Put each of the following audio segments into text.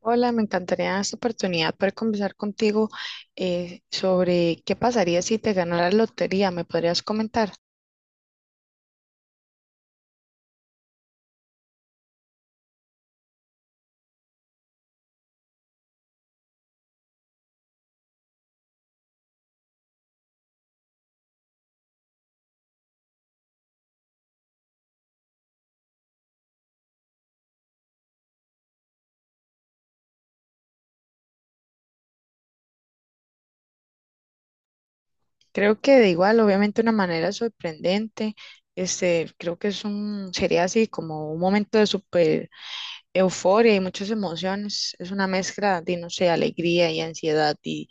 Hola, me encantaría esta oportunidad para conversar contigo sobre qué pasaría si te ganó la lotería. ¿Me podrías comentar? Creo que de igual, obviamente, una manera sorprendente. Este, creo que es sería así como un momento de super euforia y muchas emociones. Es una mezcla de, no sé, alegría y ansiedad y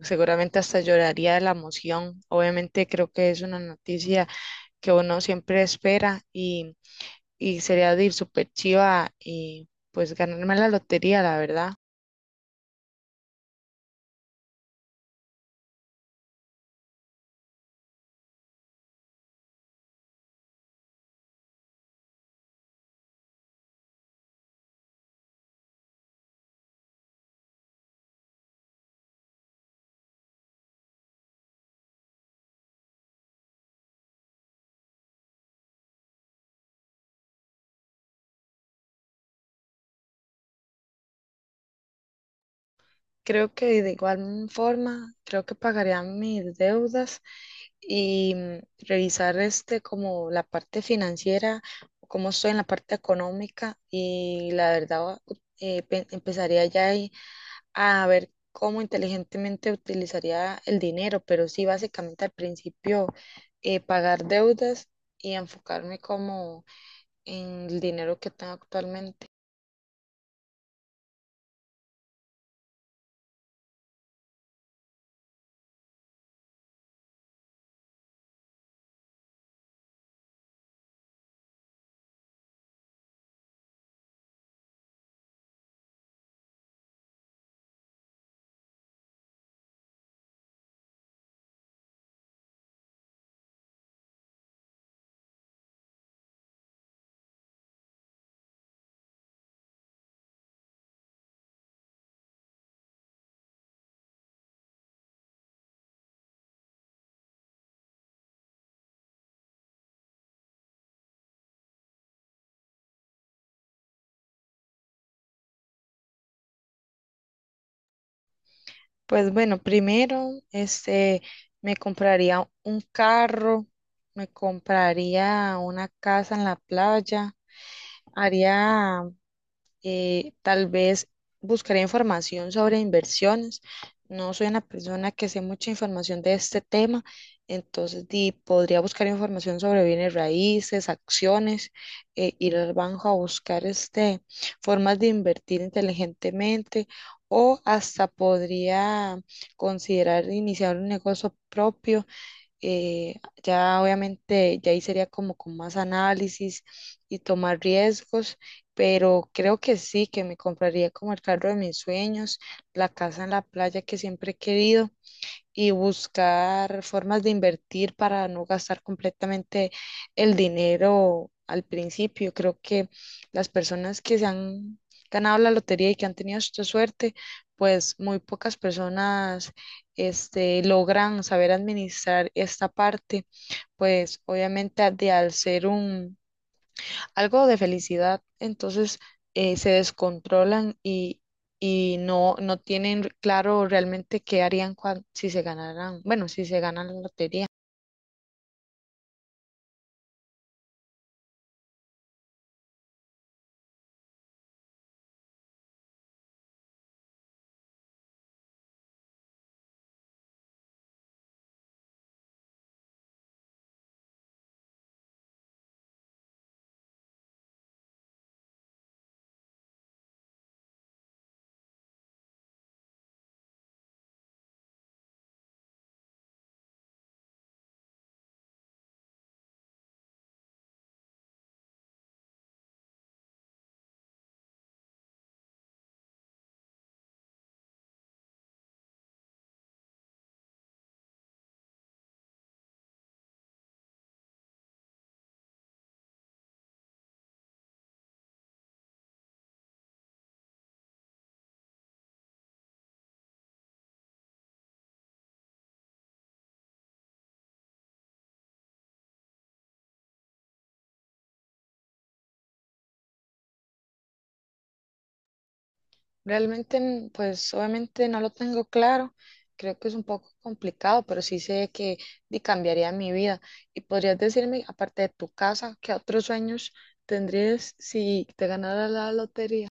seguramente hasta lloraría de la emoción. Obviamente, creo que es una noticia que uno siempre espera y sería de ir súper chiva y pues ganarme la lotería, la verdad. Creo que de igual forma, creo que pagaría mis deudas y revisar este como la parte financiera, cómo estoy en la parte económica y la verdad empezaría ya ahí a ver cómo inteligentemente utilizaría el dinero, pero sí básicamente al principio, pagar deudas y enfocarme como en el dinero que tengo actualmente. Pues bueno, primero, este, me compraría un carro, me compraría una casa en la playa, haría, tal vez buscaré información sobre inversiones. No soy una persona que sé mucha información de este tema, entonces podría buscar información sobre bienes raíces, acciones, ir al banco a buscar este, formas de invertir inteligentemente, o hasta podría considerar iniciar un negocio propio. eh, ya obviamente, ya ahí sería como con más análisis y tomar riesgos, pero creo que sí, que me compraría como el carro de mis sueños, la casa en la playa que siempre he querido, y buscar formas de invertir para no gastar completamente el dinero al principio. Creo que las personas que se han ganado la lotería y que han tenido esta suerte, pues muy pocas personas este, logran saber administrar esta parte, pues obviamente de al ser un algo de felicidad, entonces se descontrolan y no, no tienen claro realmente qué harían si se ganaran, bueno, si se ganan la lotería. Realmente, pues obviamente no lo tengo claro, creo que es un poco complicado, pero sí sé que cambiaría mi vida. ¿Y podrías decirme, aparte de tu casa, qué otros sueños tendrías si te ganaras la lotería?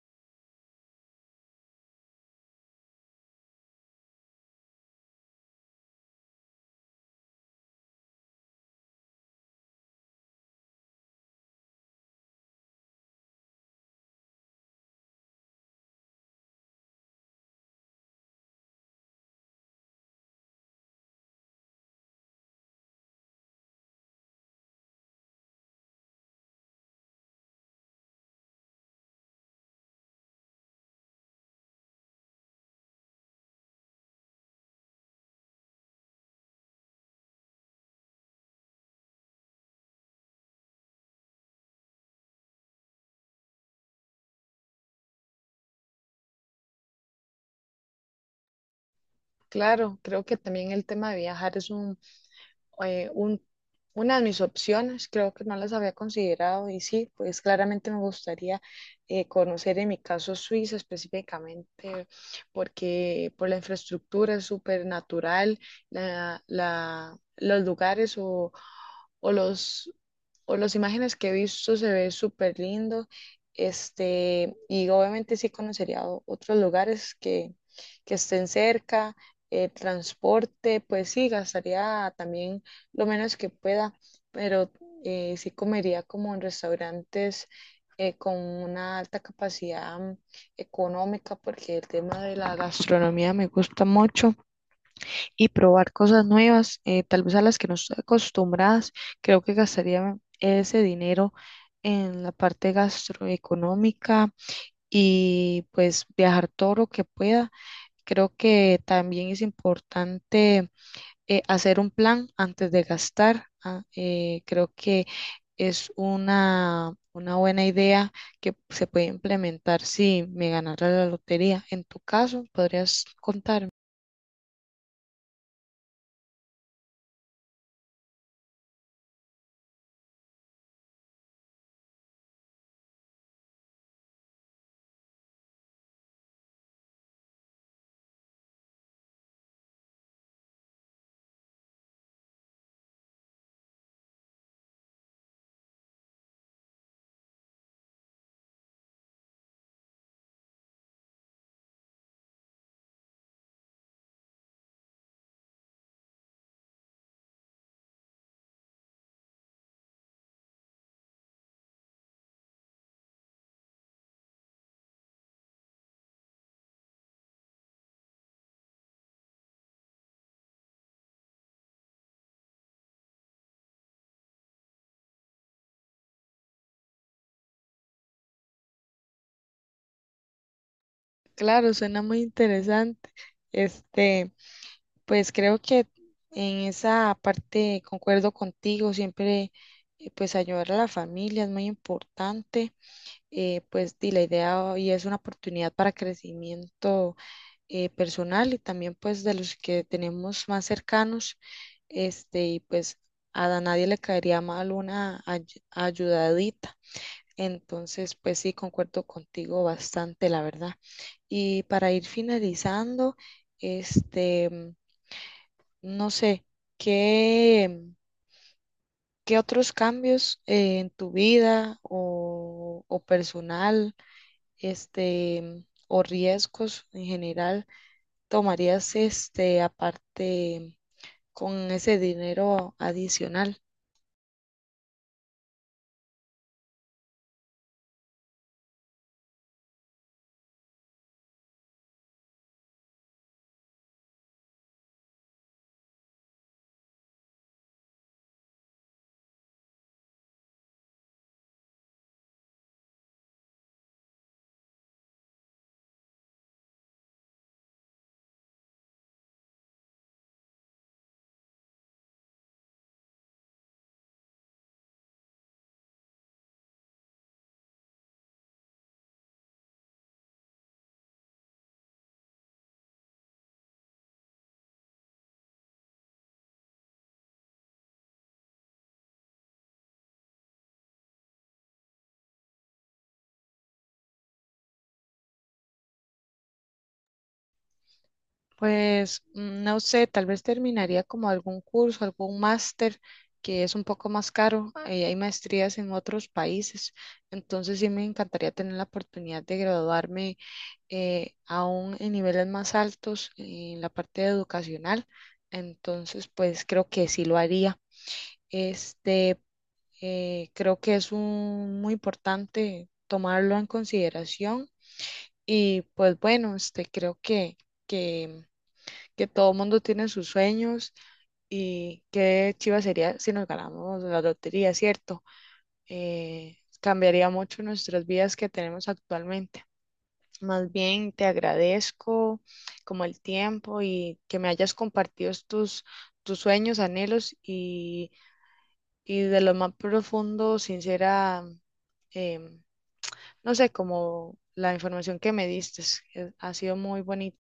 Claro, creo que también el tema de viajar es eh, un- una de mis opciones, creo que no las había considerado y sí, pues claramente me gustaría, conocer en mi caso Suiza específicamente porque por la infraestructura es súper natural, los lugares o los, o las imágenes que he visto, se ve súper lindo. Este, y obviamente sí conocería otros lugares que estén cerca. Transporte, pues sí, gastaría también lo menos que pueda, pero sí comería como en restaurantes con una alta capacidad económica, porque el tema de la gastronomía me gusta mucho y probar cosas nuevas. Tal vez a las que no estoy acostumbradas, creo que gastaría ese dinero en la parte gastroeconómica y pues viajar todo lo que pueda. Creo que también es importante hacer un plan antes de gastar. Creo que es una buena idea que se puede implementar si me ganara la lotería. En tu caso, podrías contarme. Claro, suena muy interesante. Este, pues creo que en esa parte concuerdo contigo, siempre, pues ayudar a la familia es muy importante. Pues di la idea y es una oportunidad para crecimiento personal y también pues de los que tenemos más cercanos. Este, y pues a nadie le caería mal una ayudadita. Entonces, pues sí, concuerdo contigo bastante, la verdad. Y para ir finalizando, este, no sé, ¿qué, ¿qué otros cambios, en tu vida o personal, este, o riesgos en general tomarías este aparte con ese dinero adicional? Pues no sé, tal vez terminaría como algún curso, algún máster que es un poco más caro, y hay maestrías en otros países. Entonces sí me encantaría tener la oportunidad de graduarme, aún en niveles más altos en la parte educacional. Entonces, pues creo que sí lo haría. Este, creo que es muy importante tomarlo en consideración, y pues bueno, este, creo que, que, que todo mundo tiene sus sueños, y qué chiva sería si nos ganamos la lotería, ¿cierto? Cambiaría mucho nuestras vidas que tenemos actualmente. Más bien te agradezco como el tiempo y que me hayas compartido tus, tus sueños, anhelos y de lo más profundo, sincera, em, no sé, como la información que me diste. Ha sido muy bonita.